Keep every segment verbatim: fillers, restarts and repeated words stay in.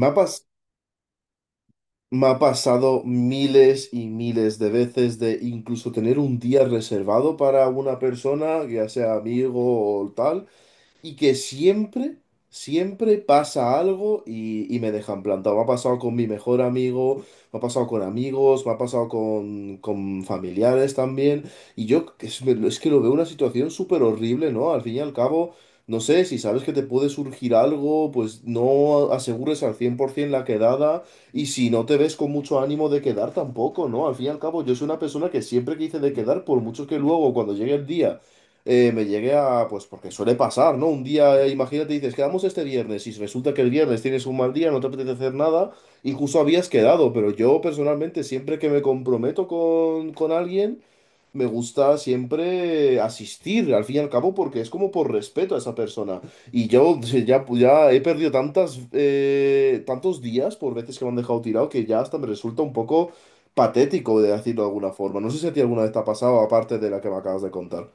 Me ha, pas- Me ha pasado miles y miles de veces de incluso tener un día reservado para una persona, ya sea amigo o tal, y que siempre, siempre pasa algo y, y me dejan plantado. Me ha pasado con mi mejor amigo, me ha pasado con amigos, me ha pasado con, con familiares también. Y yo es, es que lo veo una situación súper horrible, ¿no? Al fin y al cabo, no sé, si sabes que te puede surgir algo, pues no asegures al cien por ciento la quedada. Y si no te ves con mucho ánimo de quedar tampoco, ¿no? Al fin y al cabo, yo soy una persona que siempre quise de quedar, por mucho que luego, cuando llegue el día, eh, me llegué a, pues porque suele pasar, ¿no? Un día, eh, imagínate, dices, quedamos este viernes y resulta que el viernes tienes un mal día, no te apetece hacer nada y justo habías quedado, pero yo personalmente siempre que me comprometo con, con alguien, me gusta siempre asistir, al fin y al cabo, porque es como por respeto a esa persona. Y yo ya, ya he perdido tantas, eh, tantos días por veces que me han dejado tirado que ya hasta me resulta un poco, patético de decirlo de alguna forma. No sé si a ti alguna vez te ha pasado, aparte de la que me acabas de contar.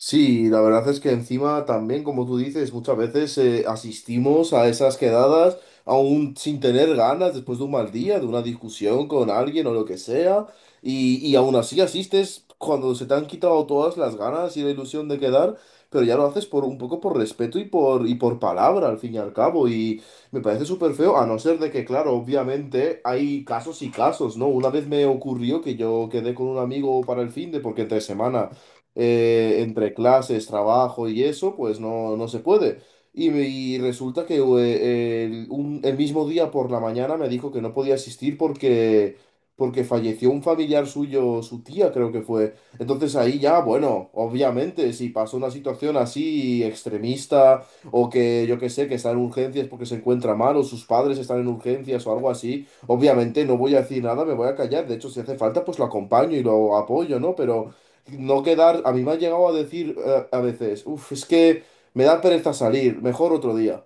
Sí, la verdad es que encima también, como tú dices, muchas veces eh, asistimos a esas quedadas aún sin tener ganas después de un mal día, de una discusión con alguien o lo que sea, y, y aún así asistes cuando se te han quitado todas las ganas y la ilusión de quedar, pero ya lo haces por un poco por respeto y por, y por palabra, al fin y al cabo, y me parece súper feo, a no ser de que, claro, obviamente hay casos y casos, ¿no? Una vez me ocurrió que yo quedé con un amigo para el fin de porque entre semana eh, entre clases, trabajo y eso, pues no, no se puede. Y, me- y resulta que eh, el, un- el mismo día por la mañana me dijo que no podía asistir porque, porque falleció un familiar suyo, su tía creo que fue. Entonces ahí ya, bueno, obviamente, si pasa una situación así extremista o que yo que sé, que está en urgencias porque se encuentra mal o sus padres están en urgencias o algo así, obviamente no voy a decir nada, me voy a callar. De hecho, si hace falta, pues lo acompaño y lo apoyo, ¿no? Pero no quedar, a mí me han llegado a decir eh, a veces, uff, es que me da pereza salir, mejor otro día.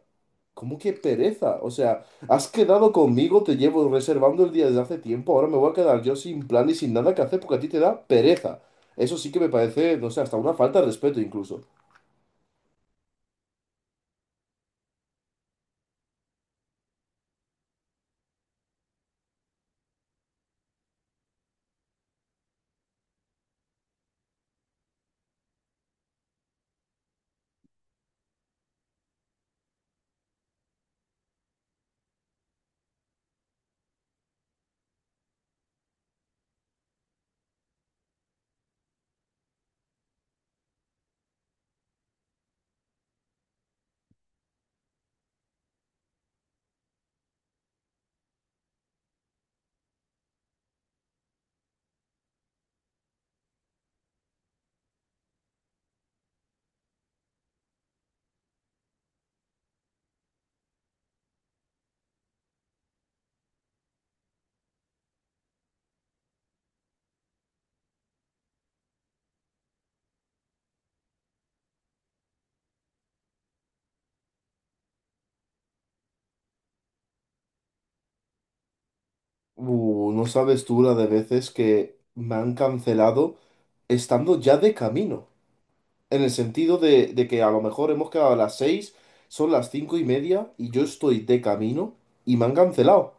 ¿Cómo que pereza? O sea, has quedado conmigo, te llevo reservando el día desde hace tiempo, ahora me voy a quedar yo sin plan y sin nada que hacer porque a ti te da pereza. Eso sí que me parece, no sé, hasta una falta de respeto incluso. Uh, no sabes tú la de veces que me han cancelado estando ya de camino. En el sentido de, de que a lo mejor hemos quedado a las seis, son las cinco y media y yo estoy de camino y me han cancelado.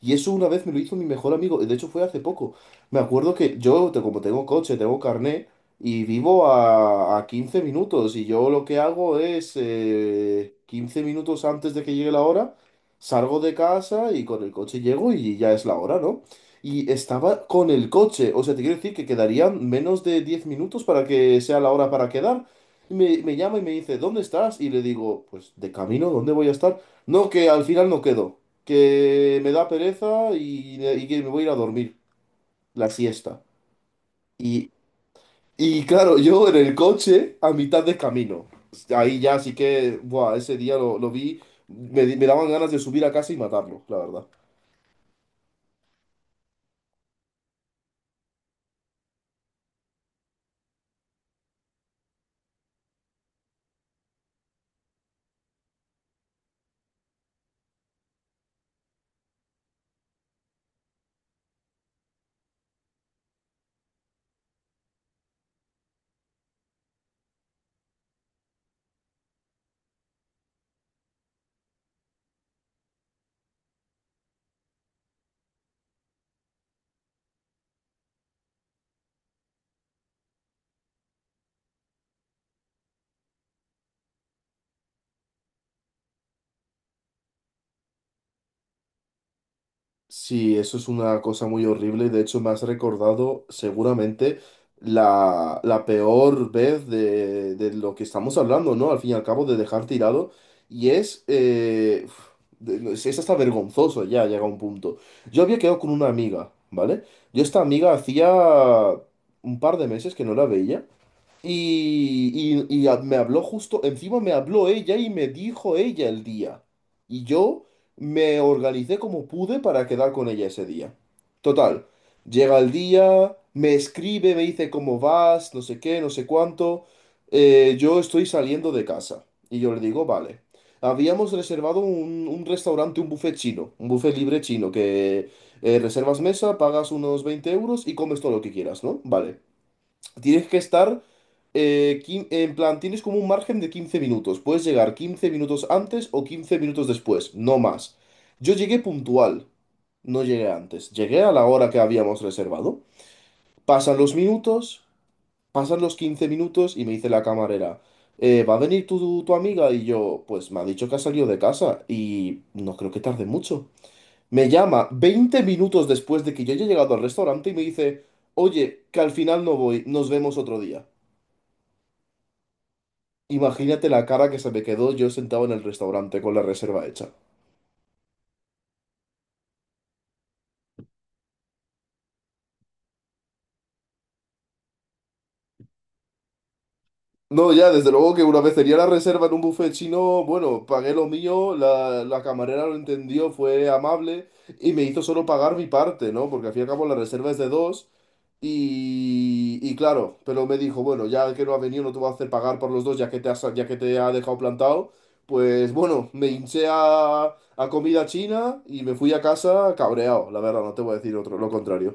Y eso una vez me lo hizo mi mejor amigo, y de hecho fue hace poco. Me acuerdo que yo, te- como tengo coche, tengo carné y vivo a, a quince minutos y yo lo que hago es eh, quince minutos antes de que llegue la hora, salgo de casa y con el coche llego y ya es la hora, ¿no? Y estaba con el coche, o sea, te quiero decir que quedarían menos de diez minutos para que sea la hora para quedar. Y me, me llama y me dice, ¿dónde estás? Y le digo, pues de camino, ¿dónde voy a estar? No, que al final no quedo, que me da pereza y, y que me voy a ir a dormir la siesta. Y, y claro, yo en el coche a mitad de camino. Ahí ya sí que, buah, ese día lo, lo vi, me, di- me daban ganas de subir a casa y matarlo, la verdad. Sí, eso es una cosa muy horrible. De hecho, me has recordado seguramente la, la peor vez de, de lo que estamos hablando, ¿no? Al fin y al cabo, de dejar tirado. Y es, eh, uf, de- no, es es hasta vergonzoso ya, llega un punto. Yo había quedado con una amiga, ¿vale? Yo esta amiga hacía un par de meses que no la veía. Y, y, y a- me habló justo, encima me habló ella y me dijo ella el día. Y yo me organicé como pude para quedar con ella ese día. Total, llega el día, me escribe, me dice cómo vas, no sé qué, no sé cuánto. Eh, yo estoy saliendo de casa. Y yo le digo, vale. Habíamos reservado un, un restaurante, un buffet chino, un buffet libre chino, que eh, reservas mesa, pagas unos veinte euros y comes todo lo que quieras, ¿no? Vale. Tienes que estar, eh, quin- en plan, tienes como un margen de quince minutos. Puedes llegar quince minutos antes o quince minutos después, no más. Yo llegué puntual, no llegué antes. Llegué a la hora que habíamos reservado. Pasan los minutos, pasan los quince minutos y me dice la camarera: "Eh, ¿va a venir tu, tu amiga?" Y yo, pues me ha dicho que ha salido de casa y no creo que tarde mucho. Me llama veinte minutos después de que yo haya llegado al restaurante y me dice, oye, que al final no voy, nos vemos otro día. Imagínate la cara que se me quedó, yo sentado en el restaurante con la reserva hecha. No, ya, desde luego que una vez tenía la reserva en un buffet chino, bueno, pagué lo mío, la, la camarera lo entendió, fue amable y me hizo solo pagar mi parte, ¿no? Porque al fin y al cabo la reserva es de dos y, y claro, pero me dijo, bueno, ya que no ha venido no te voy a hacer pagar por los dos ya que te has- ya que te ha dejado plantado, pues bueno, me hinché a, a comida china y me fui a casa cabreado, la verdad, no te voy a decir otro, lo contrario.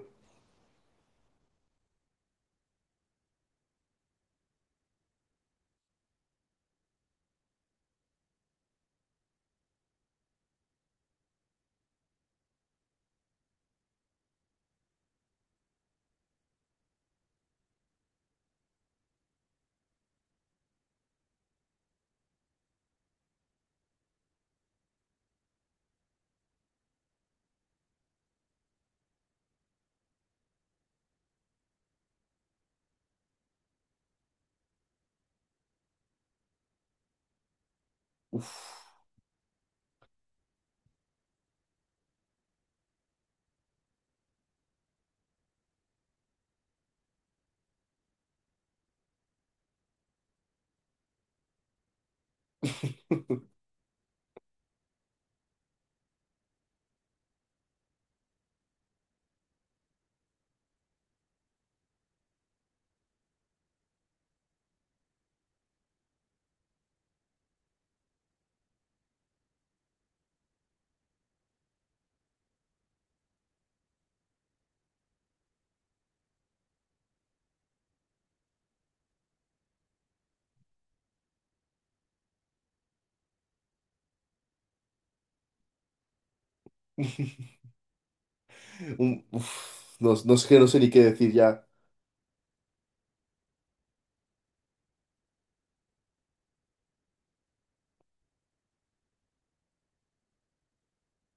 Un- uf, no, no sé, no sé ni qué decir ya.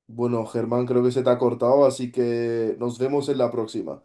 Bueno, Germán, creo que se te ha cortado, así que nos vemos en la próxima.